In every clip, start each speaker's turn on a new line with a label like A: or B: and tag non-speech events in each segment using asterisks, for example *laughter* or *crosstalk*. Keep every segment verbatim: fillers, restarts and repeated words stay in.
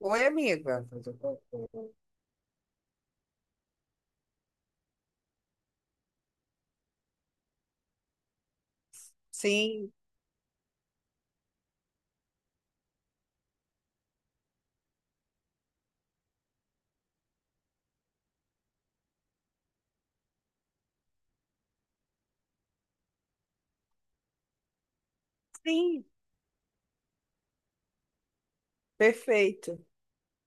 A: Oi, amiga. Sim, sim, perfeito.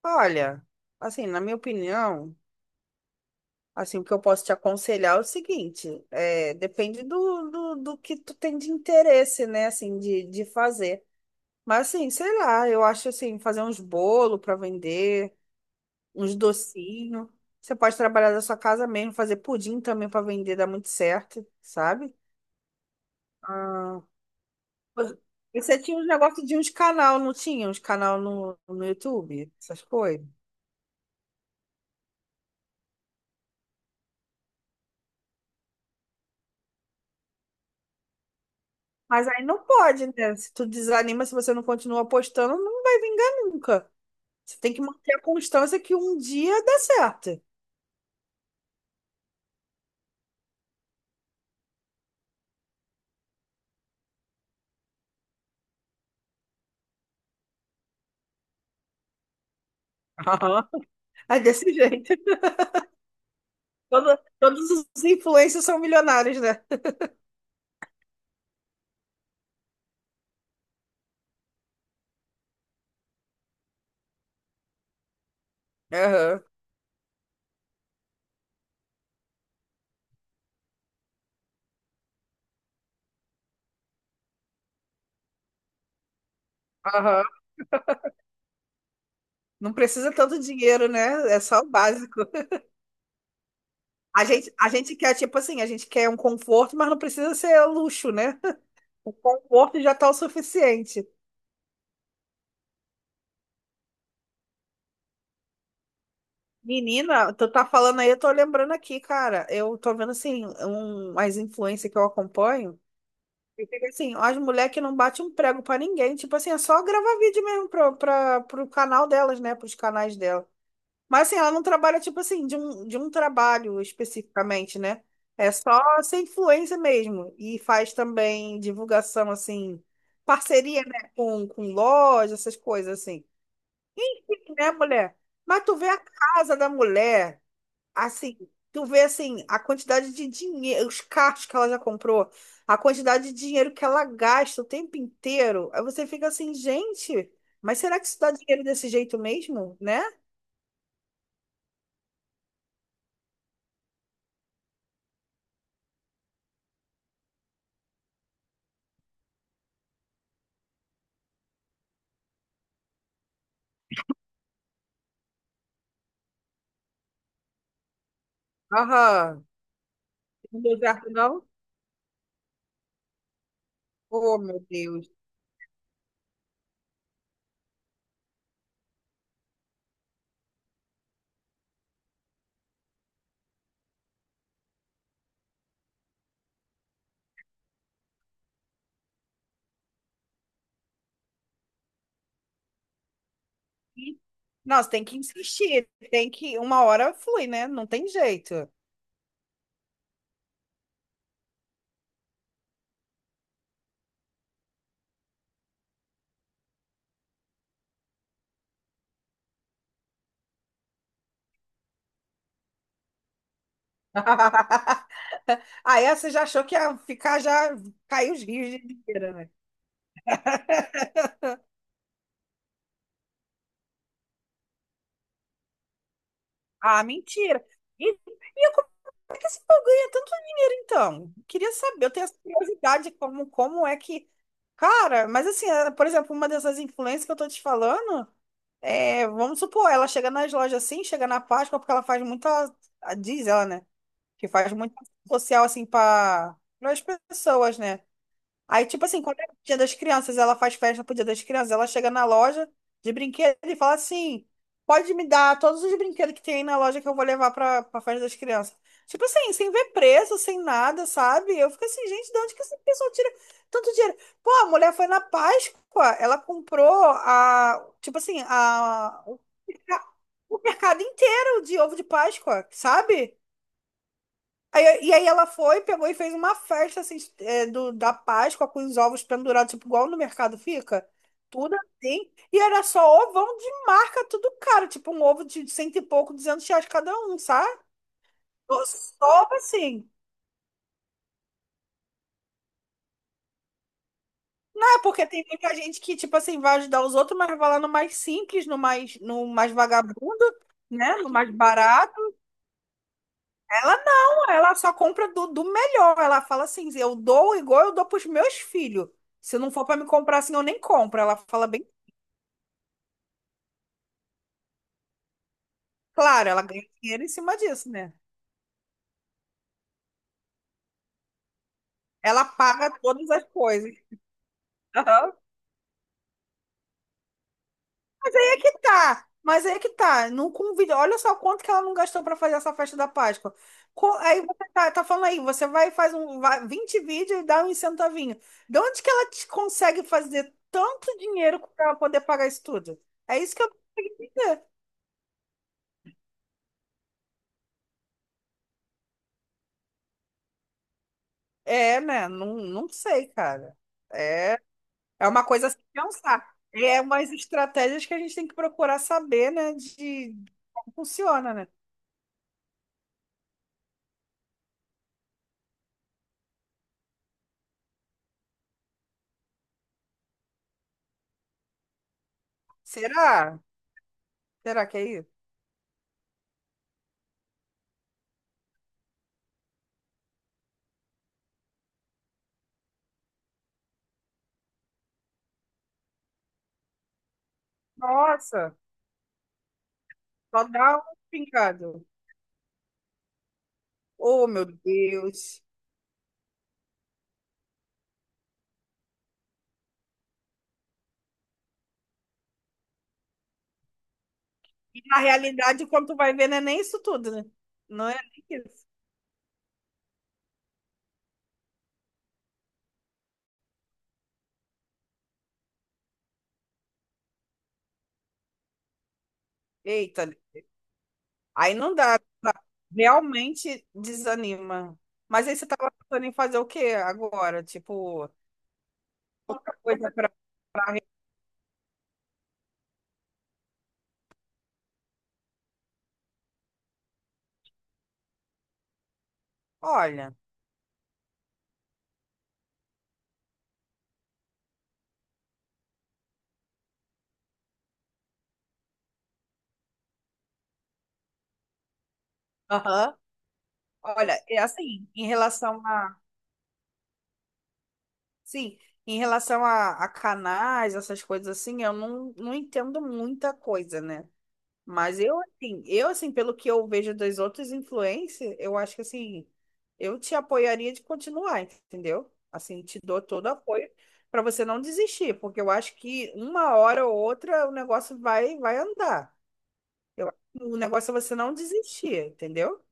A: Olha, assim, na minha opinião, assim, o que eu posso te aconselhar é o seguinte, é, depende do, do, do que tu tem de interesse, né, assim, de, de fazer. Mas, assim, sei lá, eu acho, assim, fazer uns bolos para vender, uns docinhos. Você pode trabalhar da sua casa mesmo, fazer pudim também para vender, dá muito certo, sabe? ah Você tinha um negócio de uns canal, não tinha? Uns canal no, no YouTube, essas coisas. Mas aí não pode, né? Se tu desanima, se você não continua postando, não vai vingar nunca. Você tem que manter a constância que um dia dá certo. Aham. *laughs* É desse jeito. Todo- todos os influencers são milionários, né? Aham. Aham. Não precisa tanto dinheiro, né? É só o básico. A gente, a gente quer, tipo assim, a gente quer um conforto, mas não precisa ser luxo, né? O conforto já tá o suficiente. Menina, tu tá falando aí, eu tô lembrando aqui, cara. Eu tô vendo assim, um, as influências que eu acompanho. E fica assim, ó, as mulheres que não batem um prego pra ninguém. Tipo assim, é só gravar vídeo mesmo pro, pra, pro canal delas, né? Pros canais dela. Mas assim, ela não trabalha, tipo assim, de um, de um trabalho especificamente, né? É só ser influência mesmo. E faz também divulgação, assim, parceria, né? Com, com loja, essas coisas assim. Né, mulher? Mas tu vê a casa da mulher. Assim, tu vê assim, a quantidade de dinheiro, os carros que ela já comprou, a quantidade de dinheiro que ela gasta o tempo inteiro. Aí você fica assim, gente, mas será que isso dá dinheiro desse jeito mesmo, né? Aham. Não deu certo, não? Oh, meu Deus. E- Não, você tem que insistir, tem que, uma hora flui, né? Não tem jeito. *laughs* Aí você já achou que ia ficar, já caiu os rios de dinheiro, né? *laughs* Ah, mentira. E, e É que esse povo ganha tanto dinheiro, então. Queria saber, eu tenho essa curiosidade, como, como é que. Cara, mas assim, eh, por exemplo, uma dessas influências que eu tô te falando, é, vamos supor, ela chega nas lojas assim, chega na Páscoa, porque ela faz muita. Diz ela, né? Que faz muito social assim para as pessoas, né? Aí, tipo assim, quando é o Dia das Crianças, ela faz festa pro Dia das Crianças, ela chega na loja de brinquedo e fala assim: pode me dar todos os brinquedos que tem aí na loja que eu vou levar pra, pra festa das crianças. Tipo assim, sem ver preço, sem nada, sabe? Eu fico assim, gente, de onde que essa pessoa tira tanto dinheiro? Pô, a mulher foi na Páscoa, ela comprou a, tipo assim, a, o merca- o mercado inteiro de ovo de Páscoa, sabe? Aí- e aí ela foi, pegou e fez uma festa assim, é, do, da Páscoa com os ovos pendurados, tipo, igual no mercado fica. Tudo assim. E era só ovão de marca, tudo caro. Tipo, um ovo de cento e pouco, duzentos reais cada um, sabe? Eu só assim. Não é porque tem muita gente que, tipo assim, vai ajudar os outros, mas vai lá no mais simples, no mais, no mais vagabundo, né? No mais barato. Ela não, ela só compra do, do melhor. Ela fala assim: eu dou igual eu dou para os meus filhos. Se não for para me comprar assim, eu nem compro. Ela fala bem claro, ela ganha dinheiro em cima disso, né? Ela paga todas as coisas. Aham. E tá, mas aí que tá. Não convide. Olha só quanto que ela não gastou para fazer essa festa da Páscoa. Co- Aí você tá, tá falando aí, você vai e faz um, vai, vinte vídeos e dá um centavinho. De onde que ela te consegue fazer tanto dinheiro para poder pagar isso tudo? É isso que eu não consigo entender. É, né? Não, não sei, cara. É, É uma coisa a se pensar. É umas estratégias que a gente tem que procurar saber, né? De como funciona, né? Será? Será que é isso? Nossa, só dá um pingado. Oh, meu Deus. E na realidade, quando tu vai ver, não é nem isso tudo, né? Não é nem isso. Eita, aí não dá, tá? Realmente desanima. Mas aí você tava pensando em fazer o quê agora? Tipo, coisa pra lá. Olha. Aham. Olha, é assim, em relação a. Sim, em relação a, a canais, essas coisas assim, eu não, não entendo muita coisa, né? Mas eu, assim, eu, assim, pelo que eu vejo das outras influências, eu acho que, assim, eu te apoiaria de continuar, entendeu? Assim, te dou todo o apoio para você não desistir, porque eu acho que uma hora ou outra o negócio vai, vai andar. Eu, o negócio é você não desistir, entendeu?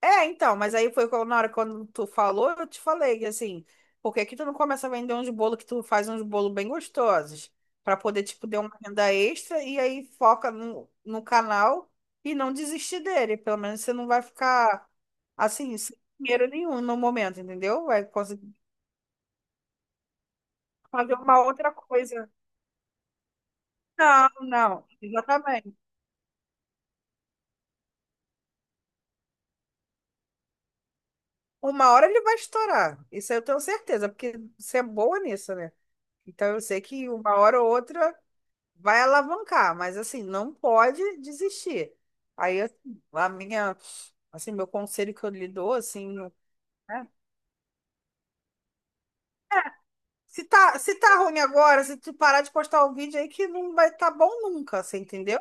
A: É, então, mas aí foi quando- na hora quando tu falou, eu te falei que assim, por que que tu não começa a vender uns bolos que tu faz uns bolos bem gostosos, pra poder, tipo, ter uma renda extra e aí foca no, no canal e não desistir dele. Pelo menos você não vai ficar, assim, sem dinheiro nenhum no momento, entendeu? Vai conseguir fazer uma outra coisa. Não, não, exatamente. Uma hora ele vai estourar, isso eu tenho certeza, porque você é boa nisso, né? Então eu sei que uma hora ou outra, vai alavancar, mas assim, não pode desistir. Aí, assim, a minha, assim, meu conselho que eu lhe dou, assim, né? É, Se tá, se tá ruim agora, se tu parar de postar o vídeo aí que não vai estar bom nunca, você entendeu?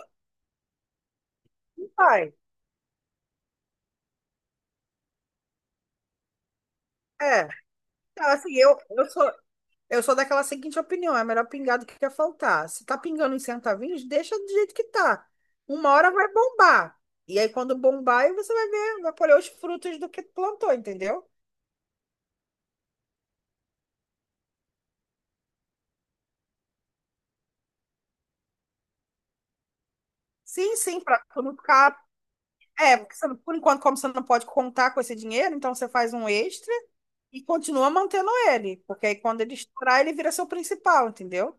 A: Não vai. É. Então, assim, eu, eu sou, eu sou daquela seguinte opinião, é melhor pingar do que quer faltar. Se tá pingando em centavinhos, deixa do jeito que tá. Uma hora vai bombar. E aí, quando bombar, aí você vai ver, vai colher os frutos do que tu plantou, entendeu? Sim, sim, para tu não ficar. É, porque você por enquanto, como você não pode contar com esse dinheiro, então você faz um extra e continua mantendo ele. Porque aí quando ele estourar, ele vira seu principal, entendeu?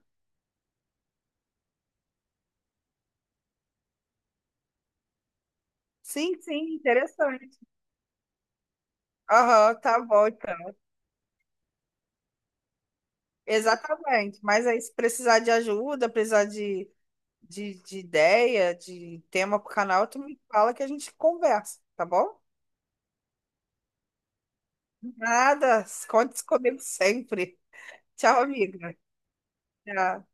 A: Sim, sim, interessante. Aham, tá bom, então. Exatamente. Mas aí, se precisar de ajuda, precisar de, de, de ideia, de tema pro canal, tu me fala que a gente conversa, tá bom? Nada, conte comigo sempre. Tchau, amiga. Tchau.